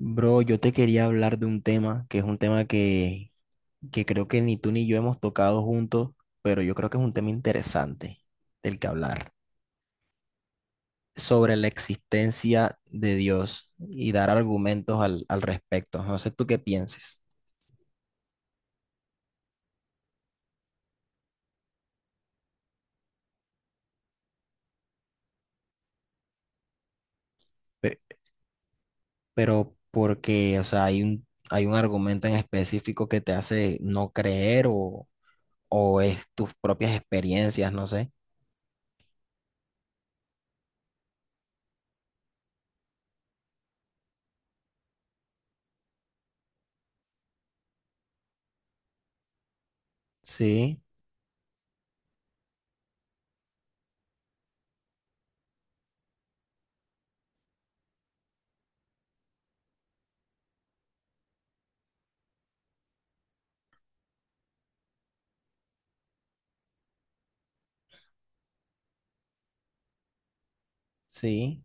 Bro, yo te quería hablar de un tema que es un tema que creo que ni tú ni yo hemos tocado juntos, pero yo creo que es un tema interesante del que hablar, sobre la existencia de Dios y dar argumentos al respecto. No sé tú qué pienses. pe- pero porque, o sea, hay un argumento en específico que te hace no creer o es tus propias experiencias, no sé. Sí, sí,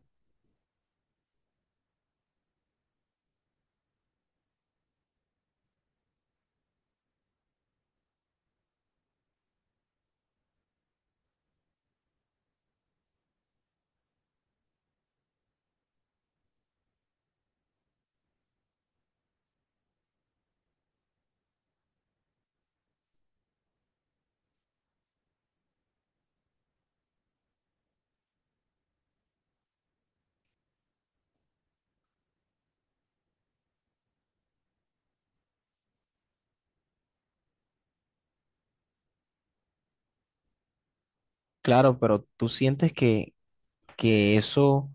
claro, pero tú sientes que eso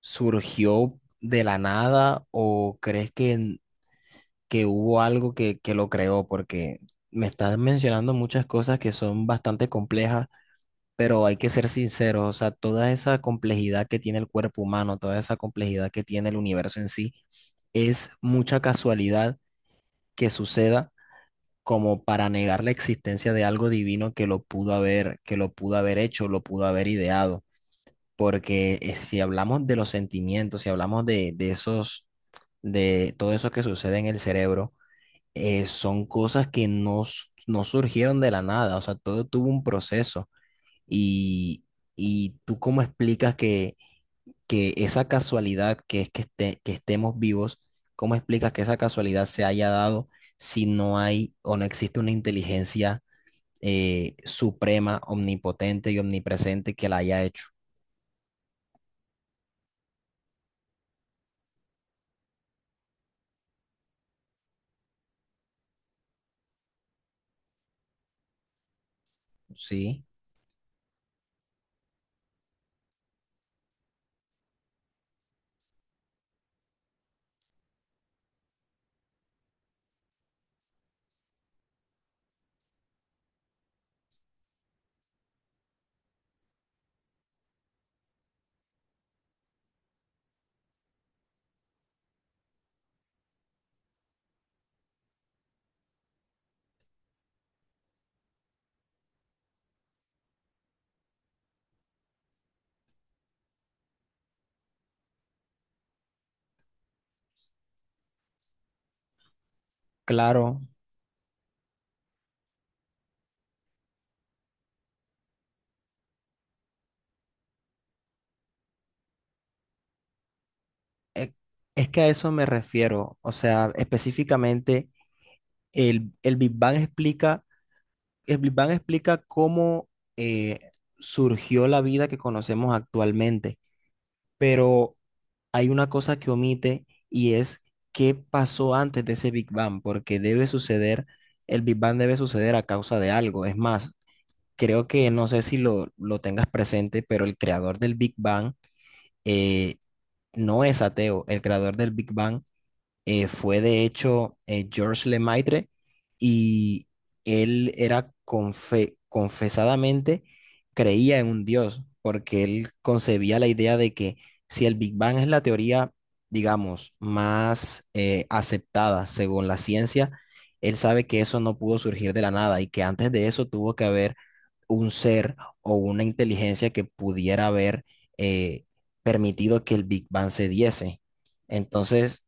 surgió de la nada o crees que hubo algo que lo creó. Porque me estás mencionando muchas cosas que son bastante complejas, pero hay que ser sinceros, o sea, toda esa complejidad que tiene el cuerpo humano, toda esa complejidad que tiene el universo en sí, es mucha casualidad que suceda como para negar la existencia de algo divino que lo pudo haber, que lo pudo haber hecho, lo pudo haber ideado. Porque si hablamos de los sentimientos, si hablamos de esos, de todo eso que sucede en el cerebro, son cosas que no, no surgieron de la nada, o sea, todo tuvo un proceso. Y, y tú cómo explicas que esa casualidad que es que, que estemos vivos, cómo explicas que esa casualidad se haya dado si no hay o no existe una inteligencia suprema, omnipotente y omnipresente que la haya hecho. Sí, claro. e- Es que a eso me refiero, o sea, específicamente el Big Bang explica, el Big Bang explica cómo eh, surgió la vida que conocemos actualmente, pero hay una cosa que omite y es qué pasó antes de ese Big Bang, porque debe suceder, el Big Bang debe suceder a causa de algo. Es más, creo que no sé si lo tengas presente, pero el creador del Big Bang eh, no es ateo, el creador del Big Bang fue de hecho Georges Lemaitre, y él era confesadamente creía en un Dios, porque él concebía la idea de que si el Big Bang es la teoría, digamos, más aceptada según la ciencia, él sabe que eso no pudo surgir de la nada y que antes de eso tuvo que haber un ser o una inteligencia que pudiera haber eh, permitido que el Big Bang se diese. Entonces,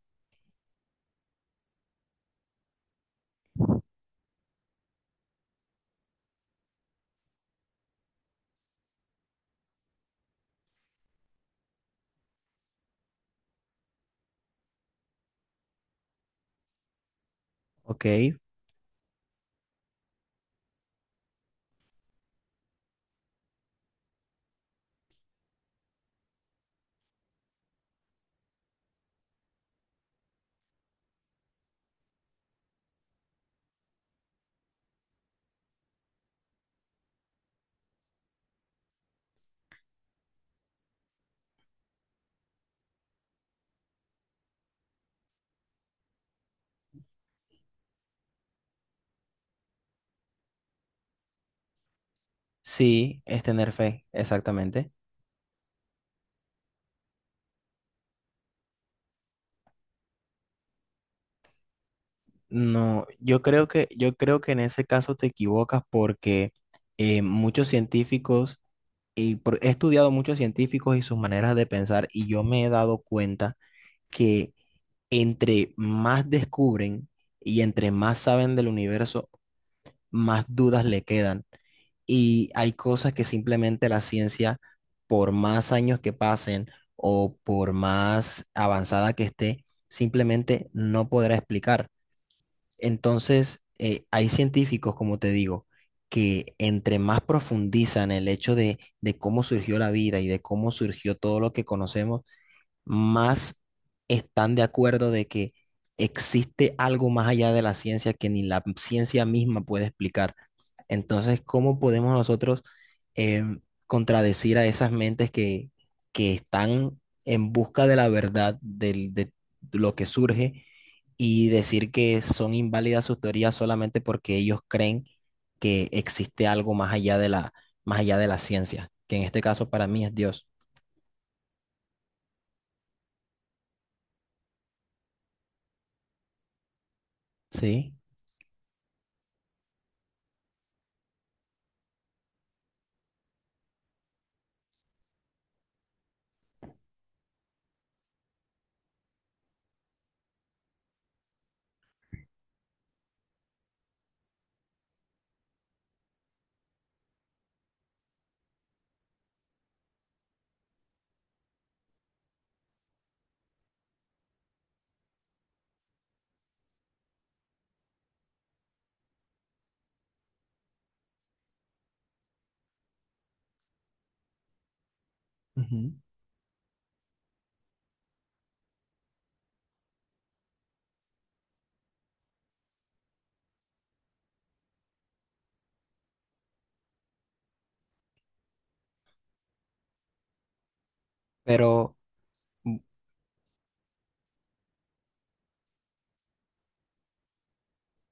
ok. Sí, es tener fe, exactamente. No, yo creo que en ese caso te equivocas, porque muchos científicos, y he estudiado muchos científicos y sus maneras de pensar, y yo me he dado cuenta que entre más descubren y entre más saben del universo, más dudas le quedan. Y hay cosas que simplemente la ciencia, por más años que pasen o por más avanzada que esté, simplemente no podrá explicar. Entonces, hay científicos, como te digo, que entre más profundizan el hecho de cómo surgió la vida y de cómo surgió todo lo que conocemos, más están de acuerdo de que existe algo más allá de la ciencia que ni la ciencia misma puede explicar. Entonces, ¿cómo podemos nosotros em, contradecir a esas mentes que están en busca de la verdad de lo que surge y decir que son inválidas sus teorías solamente porque ellos creen que existe algo más allá de la, más allá de la ciencia, que en este caso para mí es Dios? ¿Sí? Ujú. Pero mm.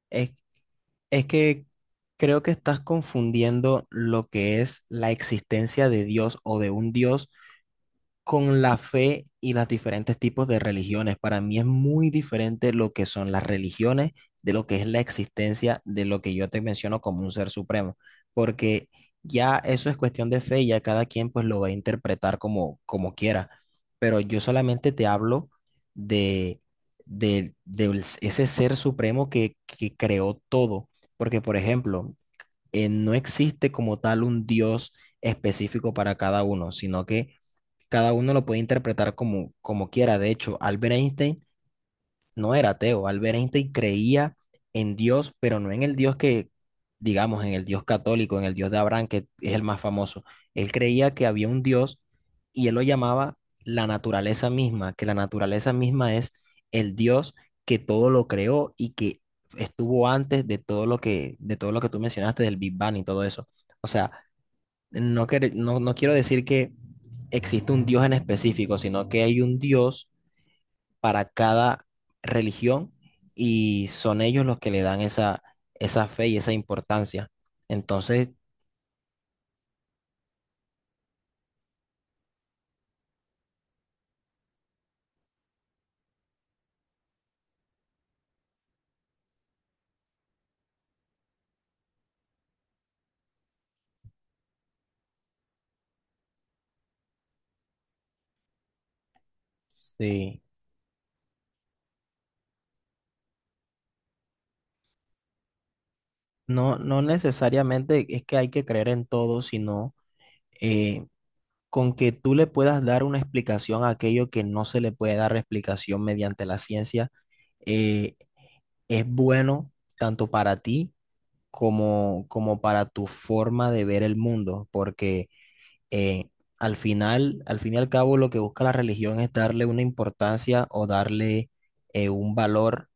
Es, es que creo que estás confundiendo lo que es la existencia de Dios o de un Dios con la fe y los diferentes tipos de religiones. Para mí es muy diferente lo que son las religiones de lo que es la existencia de lo que yo te menciono como un ser supremo, porque ya eso es cuestión de fe y ya cada quien pues lo va a interpretar como, como quiera. Pero yo solamente te hablo de, de ese ser supremo que creó todo, porque por ejemplo, no existe como tal un Dios específico para cada uno, sino que cada uno lo puede interpretar como, como quiera. De hecho, Albert Einstein no era ateo. Albert Einstein creía en Dios, pero no en el Dios que, digamos, en el Dios católico, en el Dios de Abraham, que es el más famoso. Él creía que había un Dios y él lo llamaba la naturaleza misma, que la naturaleza misma es el Dios que todo lo creó y que estuvo antes de todo lo que, de todo lo que tú mencionaste, del Big Bang y todo eso. O sea, no, no, no quiero decir que existe un Dios en específico, sino que hay un Dios para cada religión y son ellos los que le dan esa, esa fe y esa importancia. Entonces, sí, no, no necesariamente es que hay que creer en todo, sino eh, con que tú le puedas dar una explicación a aquello que no se le puede dar explicación mediante la ciencia, eh, es bueno tanto para ti como, como para tu forma de ver el mundo, porque eh, al final, al fin y al cabo, lo que busca la religión es darle una importancia o darle un valor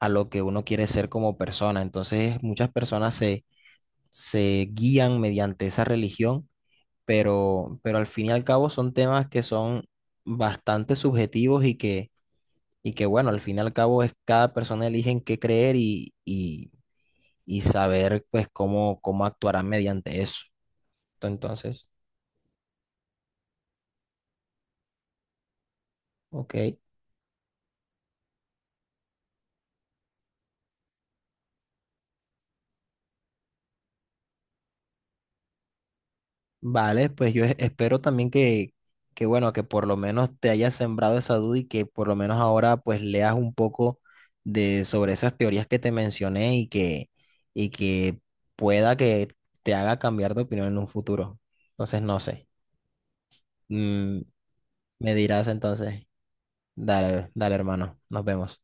a lo que uno quiere ser como persona. Entonces, muchas personas se, se guían mediante esa religión, pero al fin y al cabo son temas que son bastante subjetivos y que bueno, al fin y al cabo es cada persona elige en qué creer y saber pues cómo, cómo actuarán mediante eso. Entonces, ok, vale, pues yo espero también que bueno, que por lo menos te hayas sembrado esa duda y que por lo menos ahora pues leas un poco de sobre esas teorías que te mencioné y que pueda que te haga cambiar de opinión en un futuro. Entonces, no sé. Mm, me dirás entonces, dale, dale hermano, nos vemos.